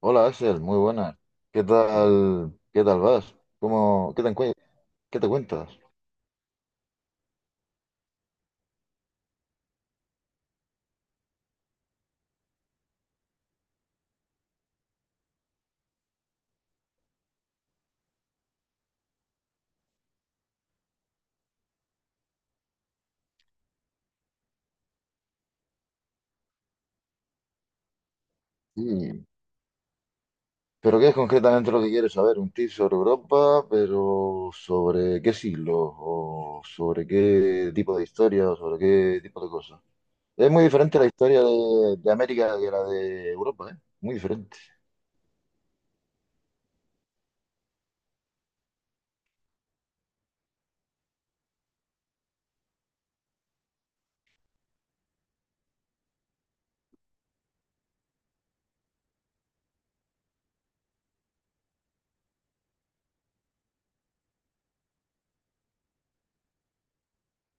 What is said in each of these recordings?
Hola Axel, muy buenas. Qué tal vas? ¿Cómo, qué te, encue- ¿Qué te cuentas? Sí. ¿Pero qué es concretamente lo que quieres saber? ¿Un tip sobre Europa, pero sobre qué siglo o sobre qué tipo de historia o sobre qué tipo de cosas? Es muy diferente la historia de América que la de Europa, ¿eh? Muy diferente.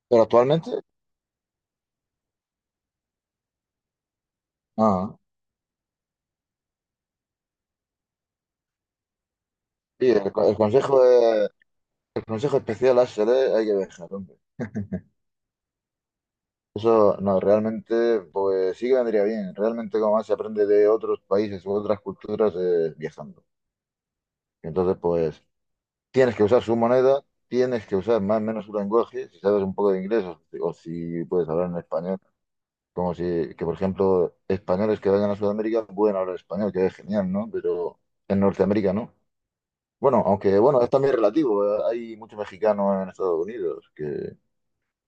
Pero actualmente, ah, sí, el consejo especial Axel, ¿eh? Hay que dejarlo. Eso no, realmente, pues sí que vendría bien. Realmente, como más se aprende de otros países u otras culturas viajando. Entonces, pues tienes que usar su moneda, tienes que usar más o menos su lenguaje, si sabes un poco de inglés o si puedes hablar en español. Como si, que por ejemplo, españoles que vayan a Sudamérica pueden hablar español, que es genial, ¿no? Pero en Norteamérica no. Bueno, aunque bueno, es también relativo. Hay mucho mexicano en Estados Unidos que,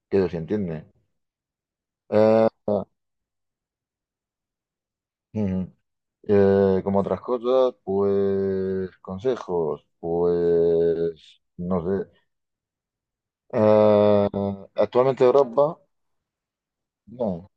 que ellos sí entienden. Ujú. Como otras cosas, pues consejos, pues no sé. Eh, Actualmente Europa, no,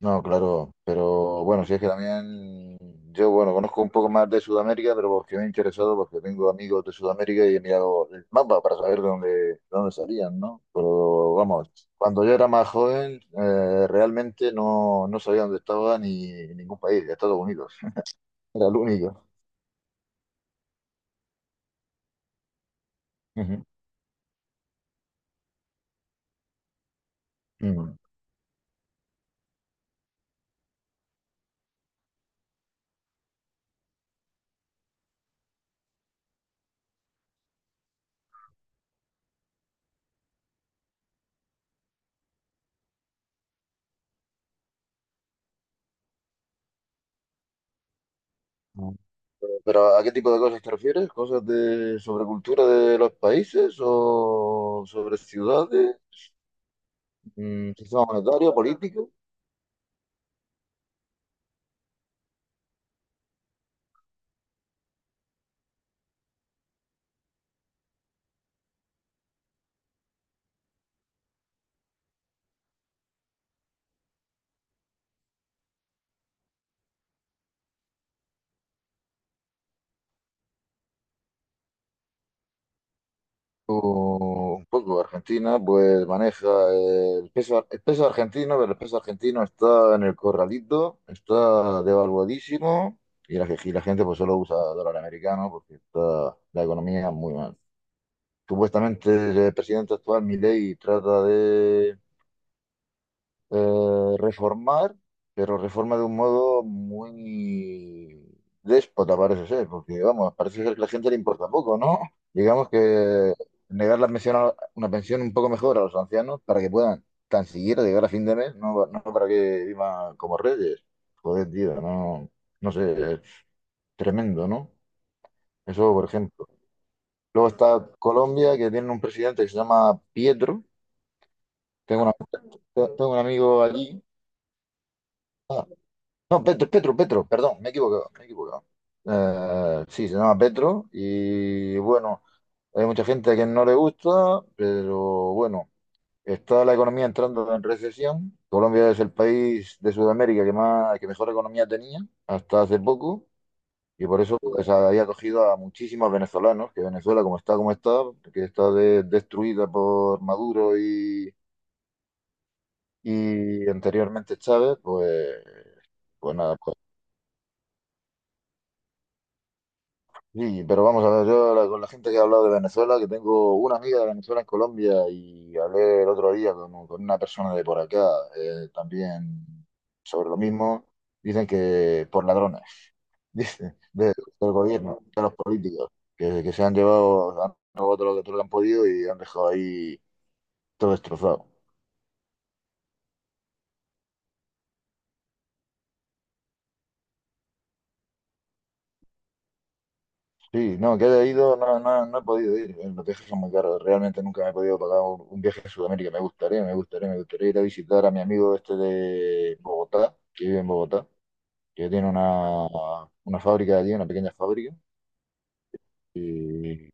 no, claro, pero bueno, si es que también yo, bueno, conozco un poco más de Sudamérica, pero porque me he interesado, porque tengo amigos de Sudamérica y he mirado el mapa para saber de dónde salían, ¿no? Pero vamos, cuando yo era más joven, realmente no sabía dónde estaba ni ningún país, Estados Unidos, era el único. Mm. ¿No? ¿Pero a qué tipo de cosas te refieres? ¿Cosas de sobre cultura de los países o sobre ciudades, sistema monetario, político? O un poco Argentina, pues maneja el peso argentino, pero el peso argentino está en el corralito, está devaluadísimo y la gente pues solo usa dólar americano porque está la economía muy mal. Supuestamente, el presidente actual, Milei, trata de reformar, pero reforma de un modo muy déspota, parece ser, porque vamos, parece ser que a la gente le importa poco, ¿no? Digamos que negar la pensión una pensión un poco mejor a los ancianos, para que puedan tan siquiera llegar a fin de mes, no, no para que vivan como reyes. Joder, tío, no, no sé, es tremendo, ¿no? Eso, por ejemplo. Luego está Colombia, que tiene un presidente que se llama Pietro. Tengo una- Tengo un amigo allí. No, Petro, Petro, Petro, perdón, me he equivocado, me he equivocado. Sí, se llama Petro y bueno, hay mucha gente que no le gusta, pero bueno, está la economía entrando en recesión. Colombia es el país de Sudamérica que mejor economía tenía hasta hace poco, y por eso pues había acogido a muchísimos venezolanos, que Venezuela como está, que está destruida por Maduro y anteriormente Chávez, pues nada. Sí, pero vamos a ver, con la gente que he hablado de Venezuela, que tengo una amiga de Venezuela en Colombia, y hablé el otro día con una persona de por acá también sobre lo mismo, dicen que por ladrones, dicen, del gobierno, de los políticos, que se han llevado, han robado todo lo que han podido y han dejado ahí todo destrozado. Sí, no, que haya ido, no, no, no he podido ir. Los viajes son muy caros. Realmente nunca me he podido pagar un viaje a Sudamérica. Me gustaría, me gustaría, me gustaría ir a visitar a mi amigo este de Bogotá, que vive en Bogotá, que tiene una fábrica allí, una pequeña fábrica. Y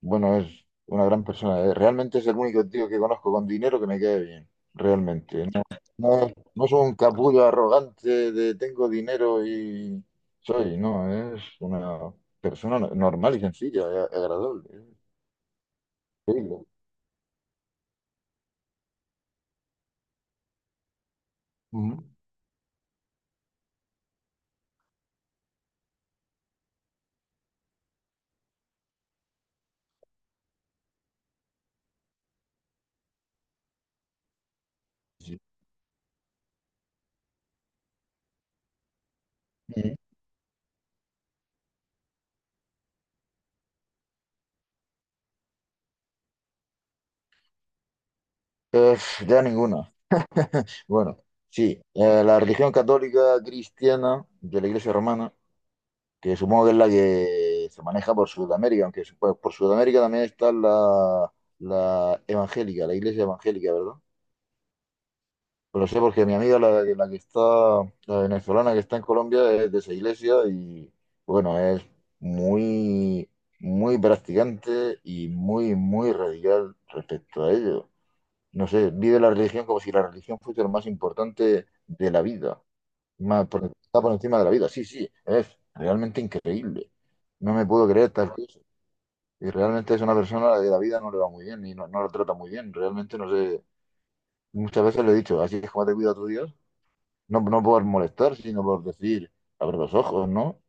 bueno, es una gran persona. Realmente es el único tío que conozco con dinero que me quede bien. Realmente. No, no, no soy un capullo arrogante de tengo dinero y soy, no, es una persona normal y sencilla, agradable. Es increíble. Ujú. Sí. Y, eh, ya ninguna. Bueno, sí, la religión católica cristiana de la Iglesia Romana, que supongo que es la que se maneja por Sudamérica, aunque por Sudamérica también está la evangélica, la iglesia evangélica, ¿verdad? Pero lo sé porque mi amiga, la que está, la venezolana que está en Colombia, es de esa iglesia y bueno, es muy, muy practicante y muy, muy radical respecto a ello. No sé, vive la religión como si la religión fuese lo más importante de la vida, está por encima de la vida. Sí, sí, es realmente increíble. No me puedo creer tal cosa. Y realmente es una persona a la que la vida no le va muy bien y no lo trata muy bien. Realmente no sé. Muchas veces le he dicho, así es como te cuida tu Dios. No, no por molestar, sino por decir, abre los ojos, ¿no?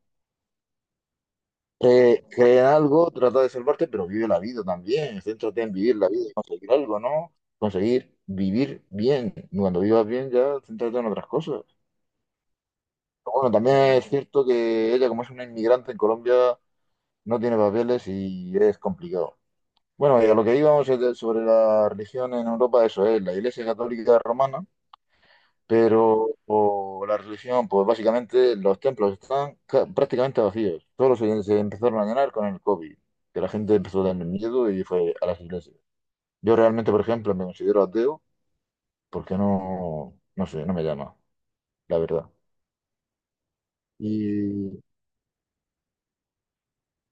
Cree en algo, trata de salvarte, pero vive la vida también. Céntrate en vivir la vida y conseguir algo, ¿no? Conseguir vivir bien. Cuando vivas bien, ya céntrate en otras cosas. Bueno, también es cierto que ella, como es una inmigrante en Colombia, no tiene papeles y es complicado. Bueno, y a lo que íbamos es sobre la religión en Europa. Eso es la Iglesia Católica Romana, pero o la religión, pues básicamente los templos están prácticamente vacíos. Todos se empezaron a llenar con el COVID, que la gente empezó a tener miedo y fue a las iglesias. Yo realmente, por ejemplo, me considero ateo porque no sé, no me llama, la verdad. y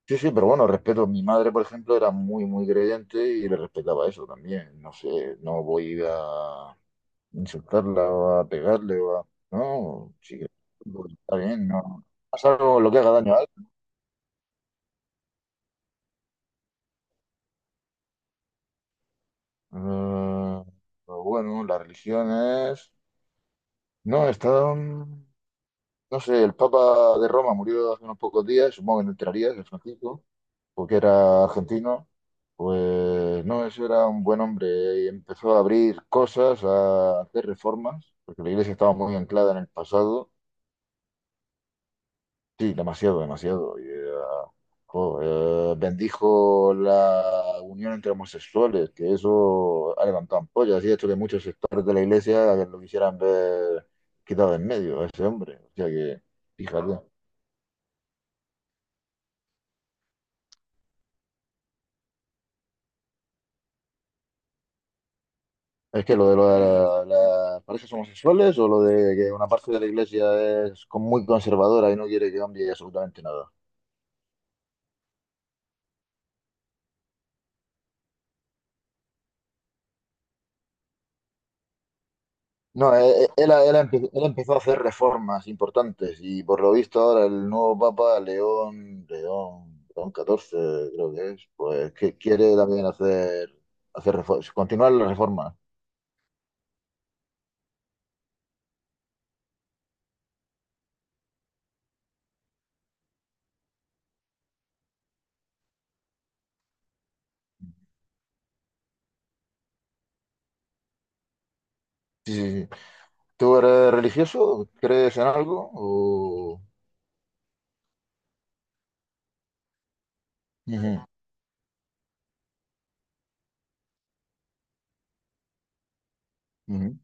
Sí, sí, pero bueno, respeto. Mi madre, por ejemplo, era muy, muy creyente y le respetaba eso también. No sé, no voy a insultarla o a pegarle o a... No, sí, pues, está bien, no. Salvo lo que haga daño a alguien. Eh, pero bueno, las religiones... No, no sé, el Papa de Roma murió hace unos pocos días, supongo que no entrarías, el Francisco, porque era argentino, pues no, eso era un buen hombre y empezó a abrir cosas, a hacer reformas, porque la iglesia estaba muy anclada en el pasado, sí, demasiado, demasiado. Y, jo, bendijo la unión entre homosexuales, que eso ha levantado ampollas y ha hecho que muchos sectores de la iglesia lo quisieran ver quitado de en medio a ese hombre. O sea que, fíjate. Es que lo de las parejas homosexuales, o lo de que una parte de la iglesia es muy conservadora y no quiere que cambie absolutamente nada. No, él empezó a hacer reformas importantes, y por lo visto ahora el nuevo Papa, León XIV creo que es, pues que quiere también hacer reformas, continuar las reformas. Sí, sí, sí. ¿Tú eres religioso? ¿Crees en algo? O... Ujú, ujú.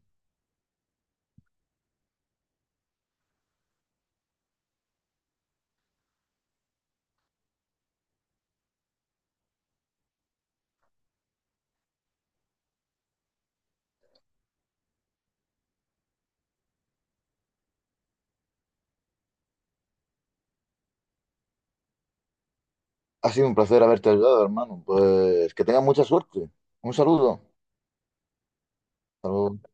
Ha sido un placer haberte ayudado, hermano. Pues que tengas mucha suerte. Un saludo. Hasta